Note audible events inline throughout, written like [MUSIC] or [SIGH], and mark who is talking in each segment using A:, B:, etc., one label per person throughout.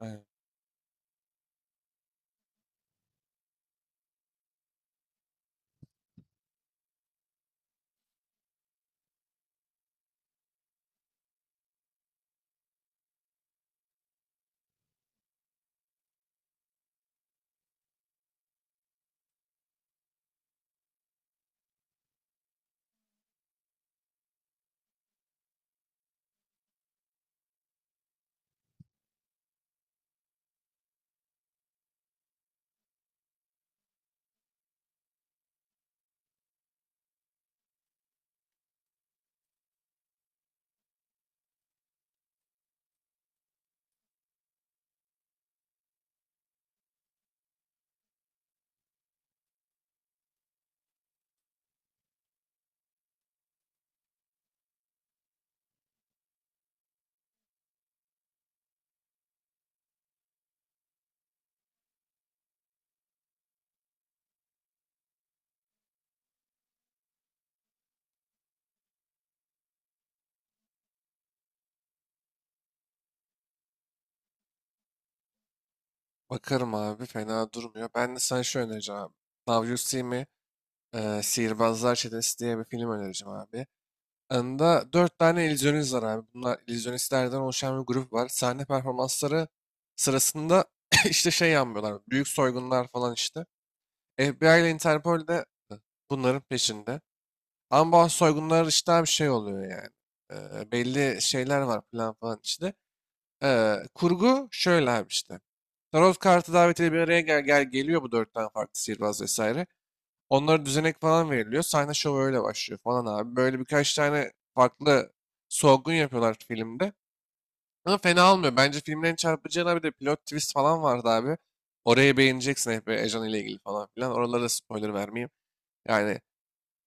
A: Aynen. Bakarım abi, fena durmuyor. Ben de sana şu önereceğim abi. Now You See Me, Sihirbazlar Çetesi diye bir film önereceğim abi. Anında dört tane illüzyonist var abi. Bunlar illüzyonistlerden oluşan bir grup var. Sahne performansları sırasında [COUGHS] [CLEARS THROAT] işte şey yapmıyorlar. Büyük soygunlar falan işte. FBI ile Interpol de bunların peşinde. Ama bu soygunlar işte bir şey oluyor yani. E, belli şeyler var, plan falan içinde. Kurgu şöyle abi işte. Tarot kartı davetiyle bir araya gel geliyor bu dört tane farklı sihirbaz vesaire. Onlara düzenek falan veriliyor. Sahne şovu öyle başlıyor falan abi. Böyle birkaç tane farklı solgun yapıyorlar filmde. Ama fena olmuyor. Bence filmin en çarpıcı yanı, bir de pilot twist falan vardı abi. Orayı beğeneceksin, hep Ejan ile ilgili falan filan. Oralara da spoiler vermeyeyim. Yani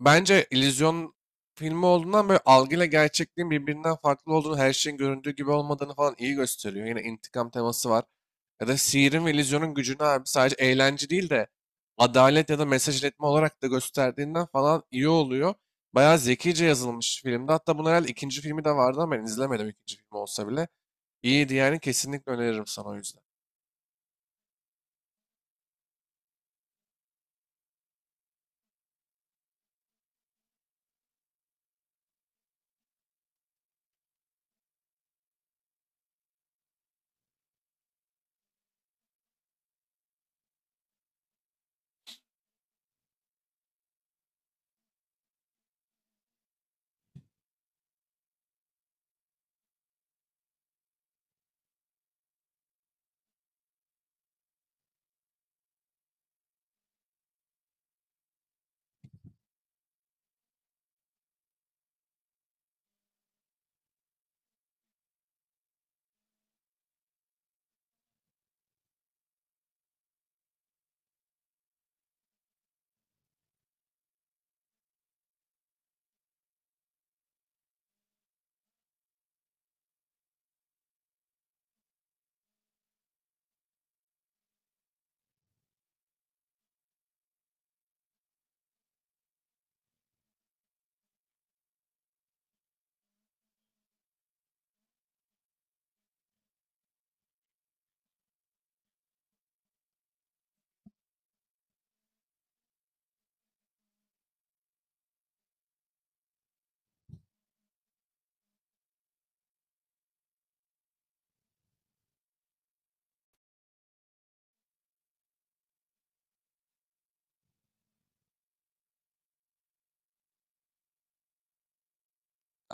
A: bence illüzyon filmi olduğundan böyle algıyla gerçekliğin birbirinden farklı olduğunu, her şeyin göründüğü gibi olmadığını falan iyi gösteriyor. Yine intikam teması var. Ya da sihirin ve illüzyonun gücünü abi sadece eğlence değil de adalet ya da mesaj iletme olarak da gösterdiğinden falan iyi oluyor. Bayağı zekice yazılmış filmde. Hatta bunun herhalde ikinci filmi de vardı ama ben izlemedim, ikinci filmi olsa bile. İyiydi yani, kesinlikle öneririm sana o yüzden.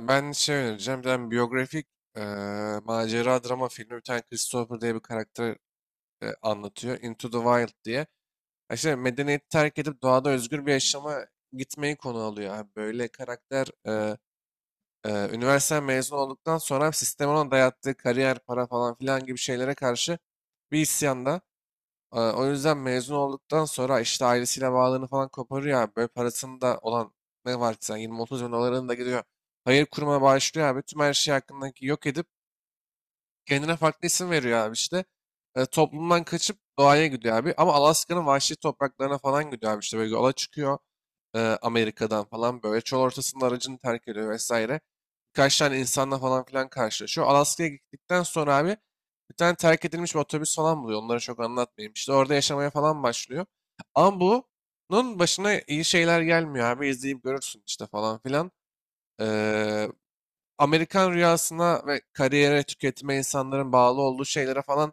A: Ben şey önereceğim. Bir tane biyografik eee, macera drama filmi. Bir tane Christopher diye bir karakter anlatıyor. Into the Wild diye. Ya, işte medeniyeti terk edip doğada özgür bir yaşama gitmeyi konu alıyor abi. Böyle karakter üniversite mezun olduktan sonra sistemin ona dayattığı kariyer, para falan filan gibi şeylere karşı bir isyanda. E, o yüzden mezun olduktan sonra işte ailesiyle bağlarını falan koparıyor abi. Böyle parasında olan ne varsa 20-30 bin dolarını da gidiyor. Hayır kuruma başlıyor abi. Tüm her şey hakkındaki yok edip kendine farklı isim veriyor abi işte. E, toplumdan kaçıp doğaya gidiyor abi. Ama Alaska'nın vahşi topraklarına falan gidiyor abi işte. Böyle yola çıkıyor Amerika'dan falan böyle. Çöl ortasında aracını terk ediyor vesaire. Birkaç tane insanla falan filan karşılaşıyor. Alaska'ya gittikten sonra abi bir tane terk edilmiş bir otobüs falan buluyor. Onları çok anlatmayayım. İşte orada yaşamaya falan başlıyor. Ama bunun başına iyi şeyler gelmiyor abi. İzleyip görürsün işte falan filan. Ee, Amerikan rüyasına ve kariyere, tüketime, insanların bağlı olduğu şeylere falan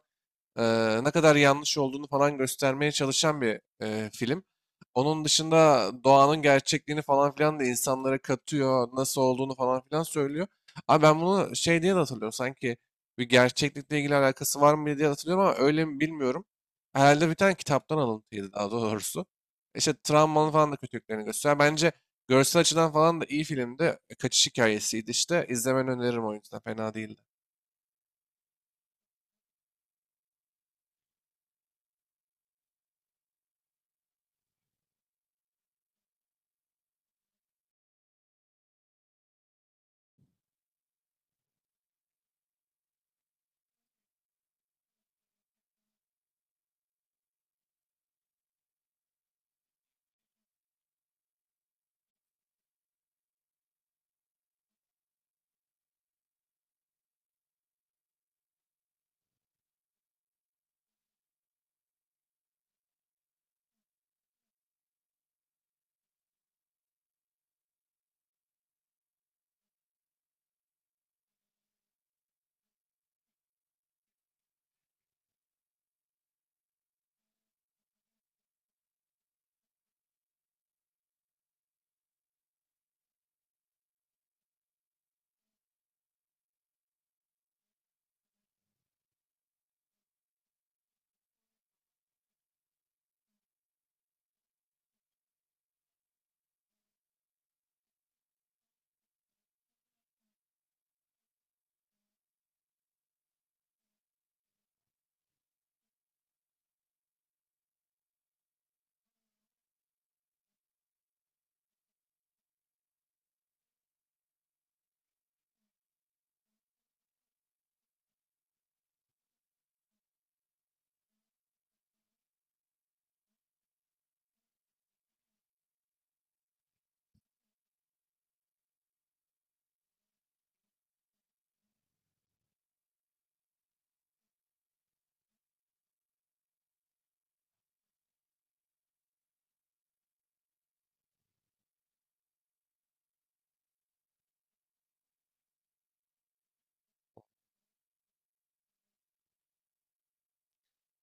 A: ne kadar yanlış olduğunu falan göstermeye çalışan bir film. Onun dışında doğanın gerçekliğini falan filan da insanlara katıyor, nasıl olduğunu falan filan söylüyor. Abi ben bunu şey diye de hatırlıyorum, sanki bir gerçeklikle ilgili alakası var mı diye hatırlıyorum ama öyle mi bilmiyorum. Herhalde bir tane kitaptan alıntıydı daha doğrusu. İşte travmanın falan da kötülüklerini gösteriyor. Bence görsel açıdan falan da iyi filmdi. Kaçış hikayesiydi işte. İzlemeni öneririm o yüzden. Fena değildi.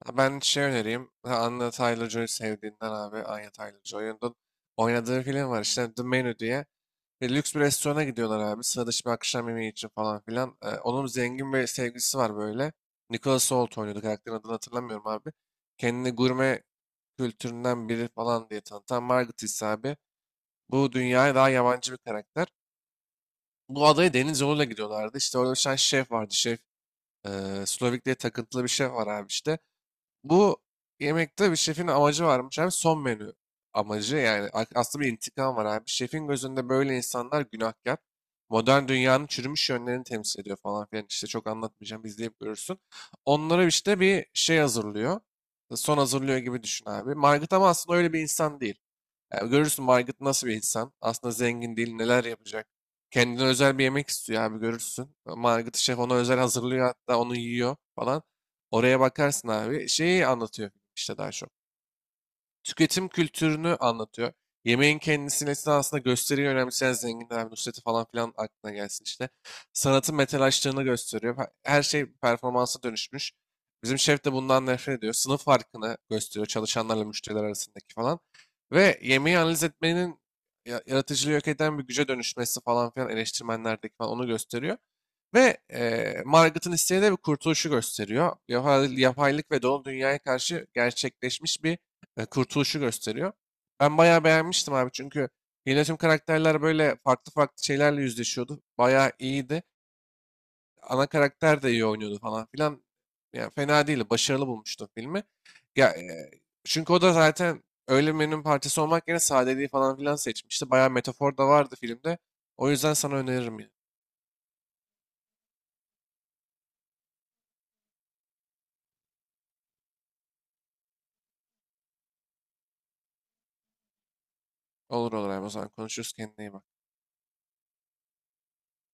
A: Ha, ben şey önereyim. Ha, Anya Taylor-Joy sevdiğinden abi. Anya Taylor-Joy'un oynadığı film var işte, The Menu diye. Ve lüks bir restorana gidiyorlar abi. Sıra dışı bir akşam yemeği için falan filan. Onun zengin bir sevgilisi var böyle. Nicholas Hoult oynuyordu. Karakterin adını hatırlamıyorum abi. Kendini gurme kültüründen biri falan diye tanıtan Margaret ise abi, bu dünyaya daha yabancı bir karakter. Bu adaya deniz yoluyla gidiyorlardı. İşte orada bir tane şef vardı. Şef Slovak diye takıntılı bir şef var abi işte. Bu yemekte bir şefin amacı varmış abi. Son menü amacı yani aslında bir intikam var abi. Şefin gözünde böyle insanlar günahkar. Modern dünyanın çürümüş yönlerini temsil ediyor falan filan. İşte çok anlatmayacağım, izleyip görürsün. Onlara işte bir şey hazırlıyor. Son hazırlıyor gibi düşün abi. Margit ama aslında öyle bir insan değil. Yani görürsün Margaret nasıl bir insan. Aslında zengin değil, neler yapacak. Kendine özel bir yemek istiyor abi, görürsün. Margaret şef ona özel hazırlıyor, hatta onu yiyor falan. Oraya bakarsın abi. Şeyi anlatıyor işte daha çok. Tüketim kültürünü anlatıyor. Yemeğin kendisini esnasında gösteriyi önemseyen zenginler, Nusret'i falan filan aklına gelsin işte. Sanatın metalaştığını gösteriyor. Her şey performansa dönüşmüş. Bizim şef de bundan nefret ediyor. Sınıf farkını gösteriyor çalışanlarla müşteriler arasındaki falan. Ve yemeği analiz etmenin yaratıcılığı yok eden bir güce dönüşmesi falan filan, eleştirmenlerdeki falan onu gösteriyor. Ve Margaret'ın isteği de bir kurtuluşu gösteriyor. Yapaylık ve doğal dünyaya karşı gerçekleşmiş bir kurtuluşu gösteriyor. Ben bayağı beğenmiştim abi çünkü yine tüm karakterler böyle farklı farklı şeylerle yüzleşiyordu. Bayağı iyiydi. Ana karakter de iyi oynuyordu falan filan. Yani fena değildi. Başarılı bulmuştum filmi. Ya, çünkü o da zaten öyle menünün parçası olmak yerine sadeliği falan filan seçmişti. Bayağı metafor da vardı filmde. O yüzden sana öneririm yine. Olur olur abi, o zaman konuşuruz, kendine iyi bak.